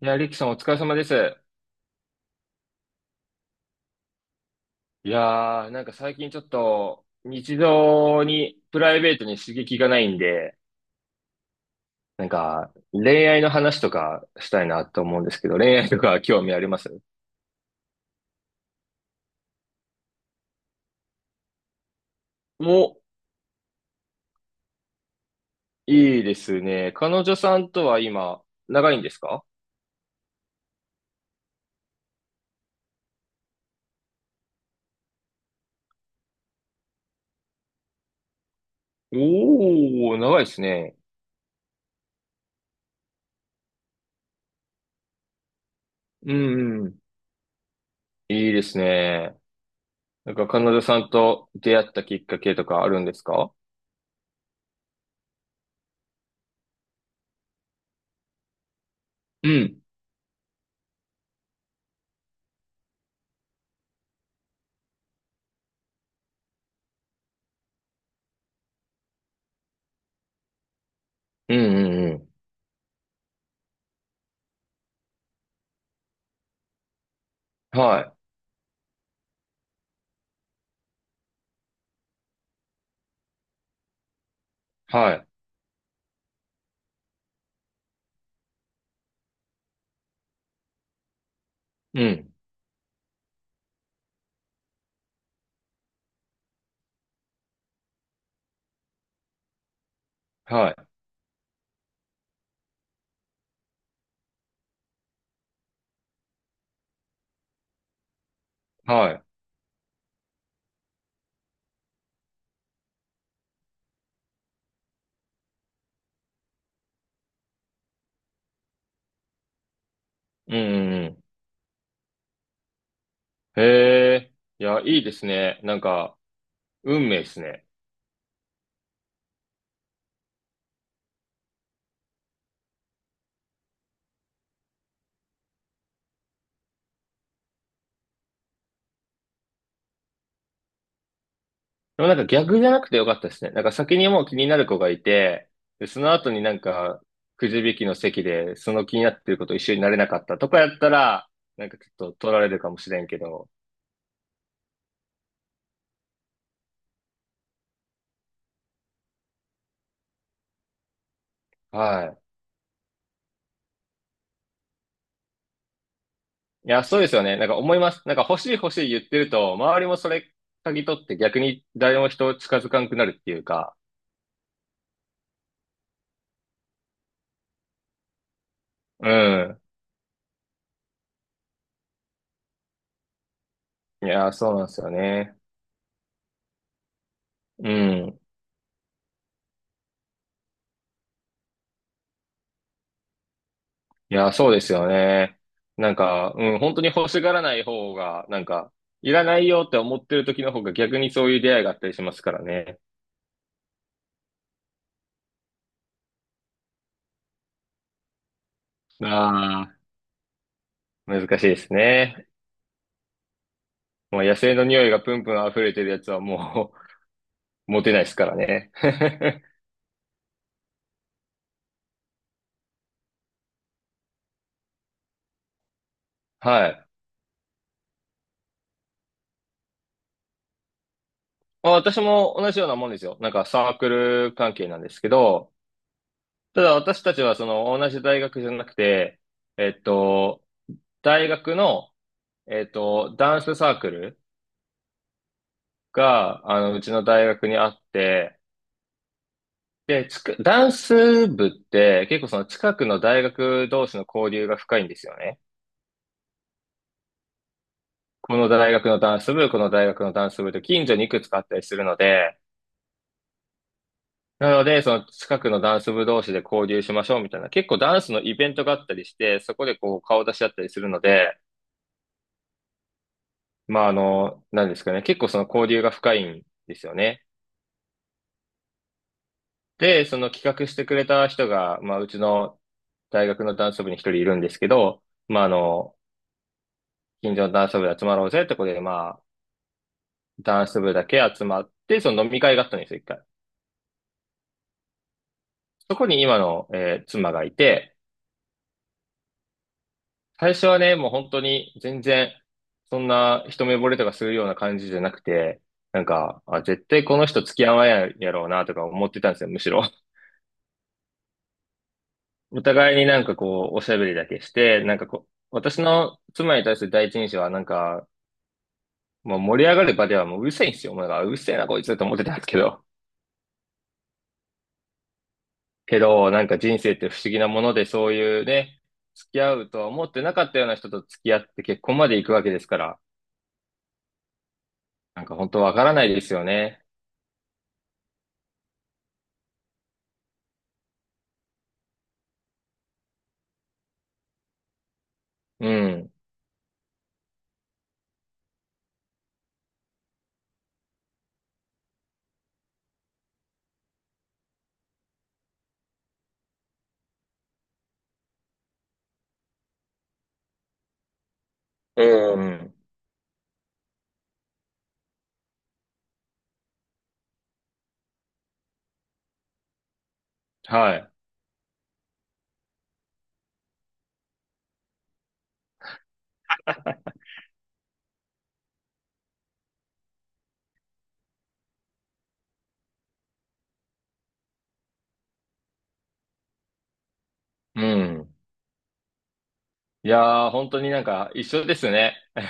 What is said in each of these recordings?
いや、リキさんお疲れ様です。いやー、なんか最近ちょっと日常にプライベートに刺激がないんで、なんか恋愛の話とかしたいなと思うんですけど、恋愛とか興味あります？お、いいですね。彼女さんとは今、長いんですか？おー、長いですね。うんうん。いいですね。なんか彼女さんと出会ったきっかけとかあるんですか？うん。うんうんうん。はい。はい。うん。はい。はい。うんうんうん。へえ。いや、いいですね。なんか、運命ですね。でもなんか逆じゃなくてよかったですね。なんか先にもう気になる子がいて、で、その後になんか、くじ引きの席で、その気になってる子と一緒になれなかったとかやったら、なんかちょっと取られるかもしれんけど。はい。いや、そうですよね。なんか思います。なんか欲しい欲しい言ってると、周りもそれ嗅ぎ取って逆に誰も人を近づかんくなるっていうか。うん。いや、そうなんですよね。うん。いや、そうですよね。なんか、うん、本当に欲しがらない方が、なんか、いらないよって思ってる時の方が逆にそういう出会いがあったりしますからね。ああ、難しいですね。もう野生の匂いがプンプン溢れてるやつはもう、モテないですからね。はい。まあ、私も同じようなもんですよ。なんかサークル関係なんですけど、ただ私たちはその同じ大学じゃなくて、えっと、大学の、ダンスサークルが、あの、うちの大学にあって、で、ダンス部って結構その近くの大学同士の交流が深いんですよね。この大学のダンス部と近所にいくつかあったりするので、なので、その近くのダンス部同士で交流しましょうみたいな、結構ダンスのイベントがあったりして、そこでこう顔出し合ったりするので、まああの、なんですかね、結構その交流が深いんですよね。で、その企画してくれた人が、まあ、うちの大学のダンス部に一人いるんですけど、まあ、あの、近所のダンス部で集まろうぜってことで、まあ、ダンス部だけ集まって、その飲み会があったんですよ、一回。そこに今の、妻がいて、最初はね、もう本当に全然、そんな一目惚れとかするような感じじゃなくて、なんか、あ、絶対この人付き合わなややろうなとか思ってたんですよ、むしろ。お互いになんかこう、おしゃべりだけして、なんかこう、私の妻に対する第一印象はなんか、もう盛り上がる場ではもううるせえんですよ。お前がうるせえなこいつと思ってたんですけど。けど、なんか人生って不思議なもので、そういうね、付き合うとは思ってなかったような人と付き合って結婚まで行くわけですから、なんか本当わからないですよね。うん、ううん。ん、はい、うん。いやー、本当になんか一緒ですね。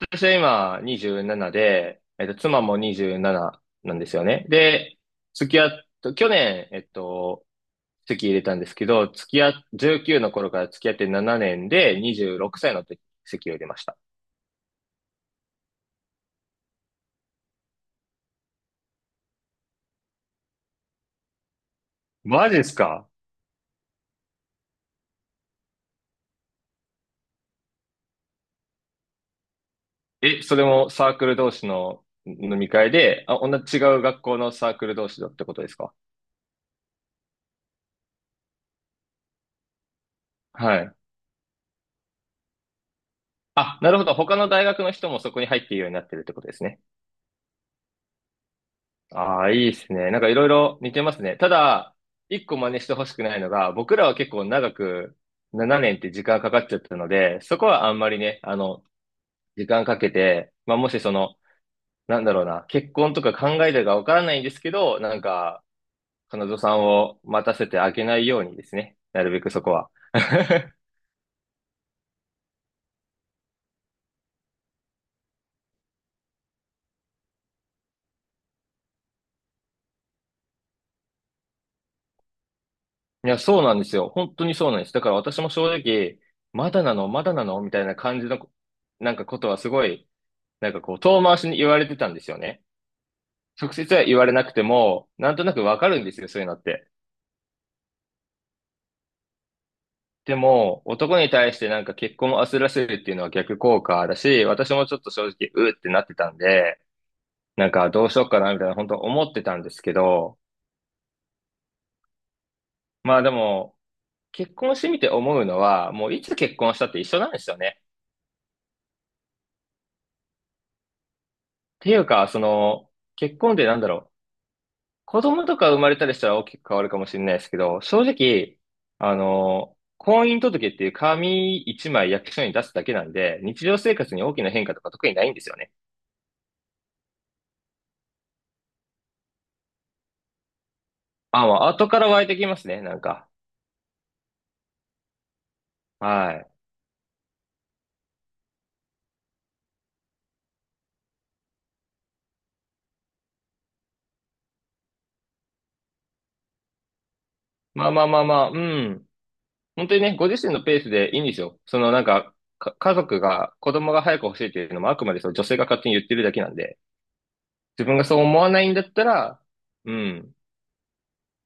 私は今27で、妻も27なんですよね。で、付き合っと、去年、籍入れたんですけど、付き合っ、19の頃から付き合って7年で26歳の時籍を入れました。マジですか？え、それもサークル同士の飲み会で、あ、同じ違う学校のサークル同士だってことですか？はい。あ、なるほど。他の大学の人もそこに入っているようになってるってことですね。ああ、いいですね。なんかいろいろ似てますね。ただ、一個真似してほしくないのが、僕らは結構長く7年って時間かかっちゃったので、そこはあんまりね、あの、時間かけて、まあ、もしその、なんだろうな、結婚とか考えてるかわからないんですけど、なんか、彼女さんを待たせてあげないようにですね。なるべくそこは。いや、そうなんですよ。本当にそうなんです。だから私も正直、まだなの、まだなのみたいな感じの、なんかことはすごい、なんかこう、遠回しに言われてたんですよね。直接は言われなくても、なんとなくわかるんですよ、そういうのって。でも、男に対してなんか結婚を焦らせるっていうのは逆効果だし、私もちょっと正直、うーってなってたんで、なんかどうしようかなみたいな、本当思ってたんですけど、まあでも、結婚してみて思うのは、もういつ結婚したって一緒なんですよね。っていうか、その、結婚でなんだろう、子供とか生まれたりしたら大きく変わるかもしれないですけど、正直、あの、婚姻届っていう紙一枚役所に出すだけなんで、日常生活に大きな変化とか特にないんですよね。あ、まあ後から湧いてきますね、なんか。はい。まあまあまあまあ、うん。本当にね、ご自身のペースでいいんですよ。そのなんか、家族が、子供が早く欲しいっていうのもあくまでその女性が勝手に言ってるだけなんで、自分がそう思わないんだったら、うん、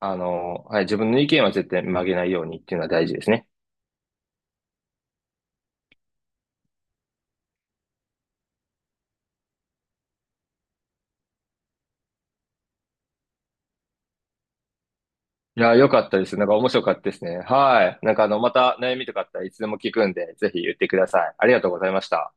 あの、はい、自分の意見は絶対曲げないようにっていうのは大事ですね。いや、良かったです。なんか面白かったですね。はい。なんかあの、また悩みとかあったらいつでも聞くんで、ぜひ言ってください。ありがとうございました。